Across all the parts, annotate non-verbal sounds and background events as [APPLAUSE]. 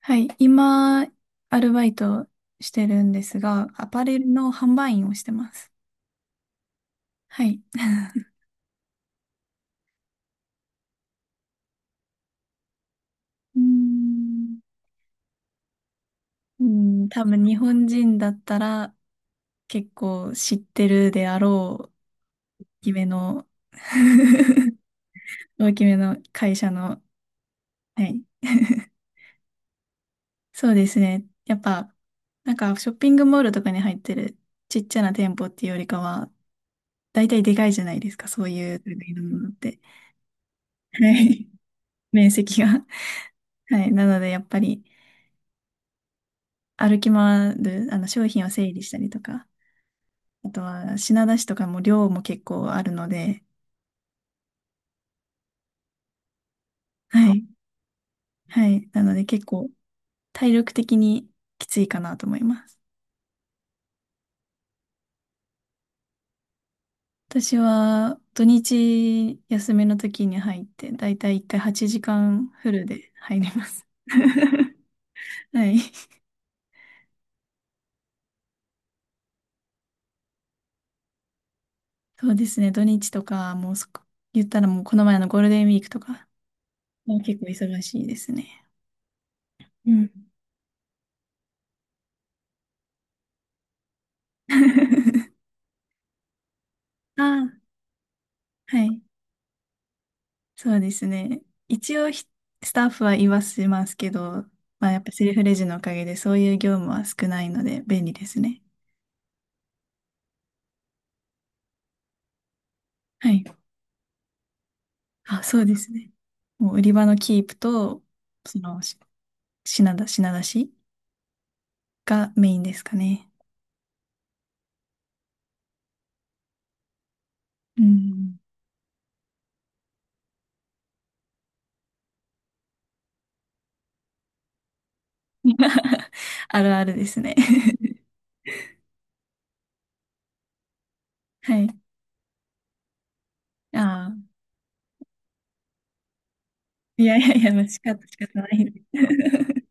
はい、今、アルバイトしてるんですが、アパレルの販売員をしてます。はい。うーん、うーん、多分日本人だったら結構知ってるであろう、大きめの、[LAUGHS] 大きめの会社の、はい。[LAUGHS] そうですね。やっぱ、なんかショッピングモールとかに入ってるちっちゃな店舗っていうよりかは、大体でかいじゃないですか、そういう類のものって。はい。面積が。 [LAUGHS] はい。なので、やっぱり歩き回る、商品を整理したりとか、あとは品出しとかも量も結構あるので。はい。はい。なので、結構体力的にきついかなと思います。私は土日休みの時に入って、だいたい1回8時間フルで入ります。[LAUGHS] はい。そうですね。土日とか、もうそこ、言ったらもうこの前のゴールデンウィークとか、もう結構忙しいですね。うん。[LAUGHS] ああ、はい。そうですね。一応、スタッフは言わせますけど、まあ、やっぱセルフレジのおかげでそういう業務は少ないので便利ですね。はい。あ、そうですね。もう売り場のキープと、その、し品出しがメインですかね。うん。[LAUGHS] あるあるですね。[LAUGHS] はい。ああ、いやいや、仕方ない。[LAUGHS]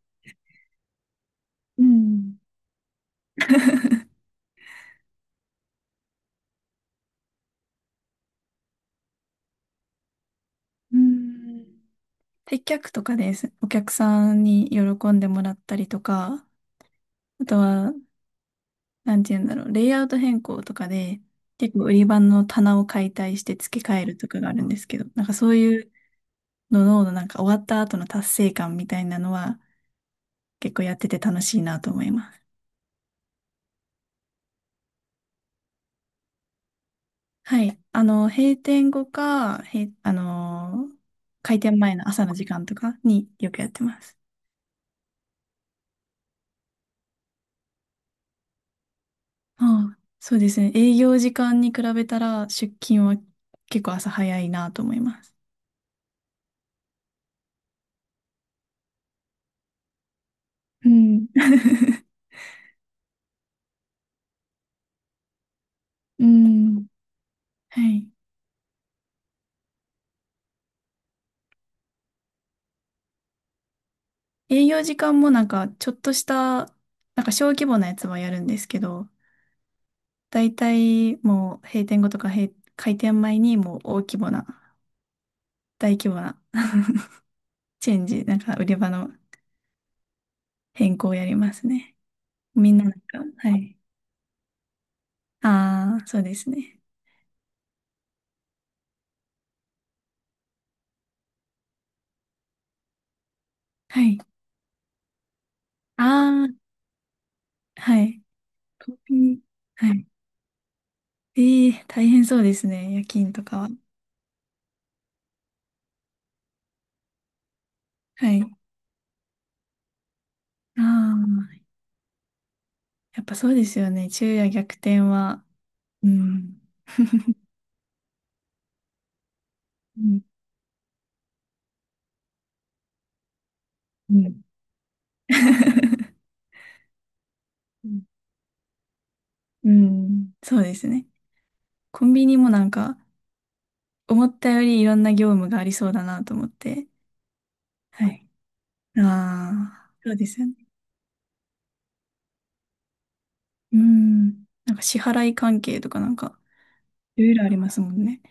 うん。うん、接客とかです。お客さんに喜んでもらったりとか、あとは、なんて言うんだろう、レイアウト変更とかで、結構売り場の棚を解体して付け替えるとかがあるんですけど、なんかそういうのの、なんか終わった後の達成感みたいなのは、結構やってて楽しいなと思います。はい。閉店後か、へ、あの、開店前の朝の時間とかによくやってます。ああ、そうですね。営業時間に比べたら出勤は結構朝早いなと思います。うん。うん。はい。営業時間もなんかちょっとした、なんか小規模なやつはやるんですけど、大体もう閉店後とか閉、開店前にもう大規模な [LAUGHS] チェンジ、なんか売り場の変更をやりますね。みんななんか、はい。ああ、そうですね。はい。ああ、はい。コピー。はい。ええ大変そうですね。夜勤とかは。はい。ああ、やっぱそうですよね。昼夜逆転は。うん。うん。うん。[LAUGHS] うん。そうですね。コンビニもなんか、思ったよりいろんな業務がありそうだなと思って。はい。ああ、そうですよね。うん。なんか支払い関係とかなんか、いろいろありますもんね。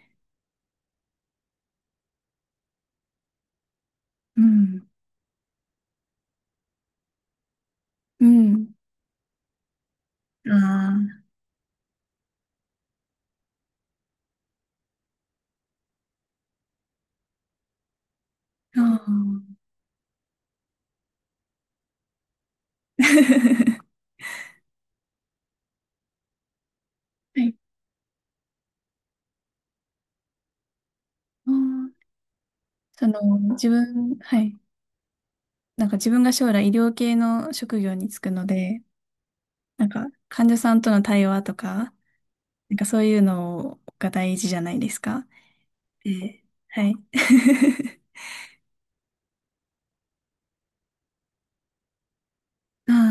うん。うん。ああ。ああ。[LAUGHS] はい。あーその、はい。なんか自分が将来医療系の職業に就くので、なんか患者さんとの対話とか、なんかそういうのが大事じゃないですか。で、はい。[LAUGHS] あ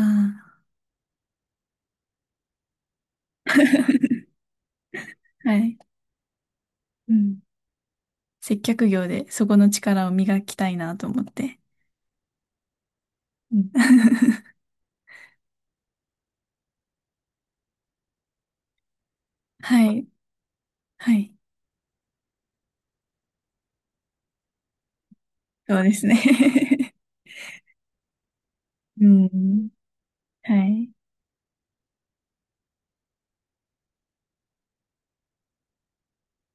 あ、[LAUGHS] はい。うん。接客業でそこの力を磨きたいなと思って。うん。 [LAUGHS] はい。はい。そうですね。 [LAUGHS] うん。はい。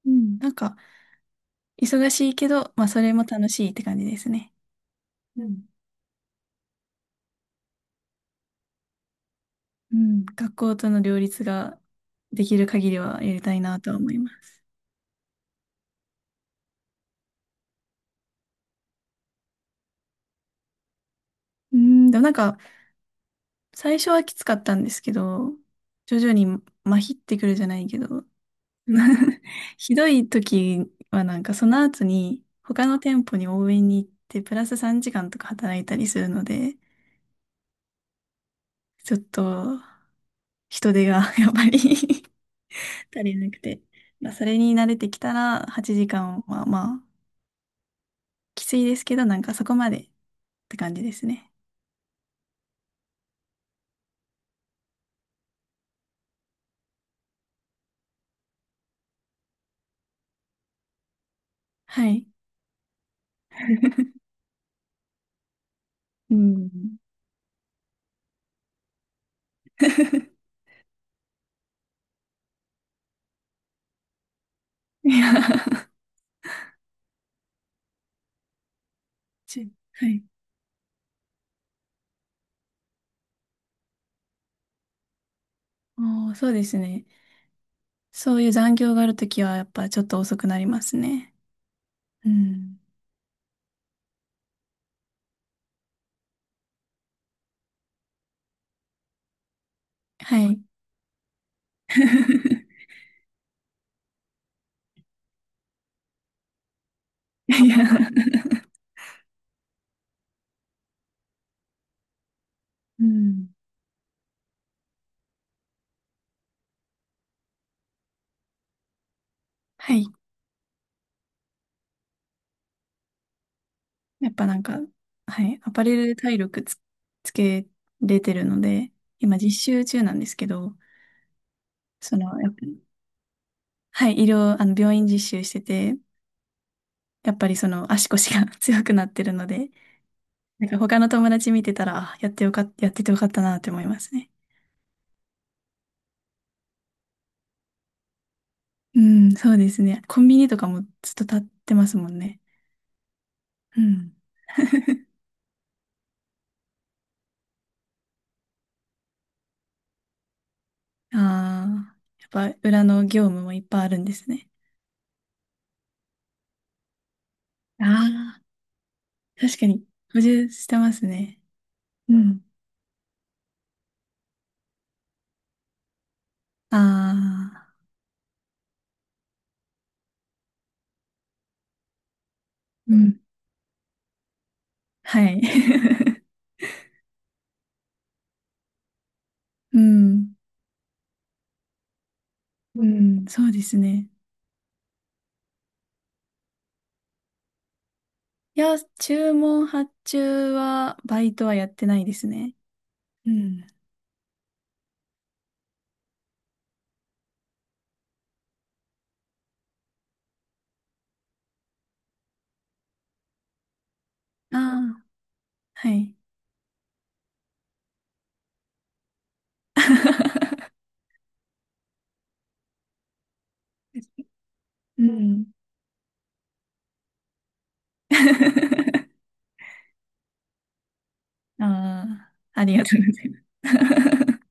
うん。なんか、忙しいけど、まあ、それも楽しいって感じですね。うん。うん、学校との両立ができる限りはやりたいなとは思います。うん、でもなんか、最初はきつかったんですけど、徐々に麻痺ってくるじゃないけど、[LAUGHS] ひどい時はなんかその後に他の店舗に応援に行ってプラス3時間とか働いたりするので、ちょっと人手が [LAUGHS] やっぱり [LAUGHS] 足りなくて、まあ、それに慣れてきたら8時間はまあきついですけど、なんかそこまでって感じですね。はい。うん。[LAUGHS] いや、ちはい。おー、そうですね。そういう残業があるときは、やっぱちょっと遅くなりますね。うん。はい。[LAUGHS] いや、うん。はい。やっぱなんか、はい。アパレルで体力つ、つけれてるので、今実習中なんですけど、その、やっぱり、はい、医療、あの、病院実習してて、やっぱりその足腰が [LAUGHS] 強くなってるので、なんか他の友達見てたら、あ、やってよかった、やっててよかったなって思いますね。うん、そうですね。コンビニとかもずっと立ってますもんね。うん。ああ、やっぱ裏の業務もいっぱいあるんですね。ああ、確かに補充してますね。うん。ああ、うん。はい。[LAUGHS] うん。うん、そうですね。いや、注文発注は、バイトはやってないですね。うん。ああ、はい。[LAUGHS] うん。[LAUGHS] ああ、ありがとうございます。[LAUGHS]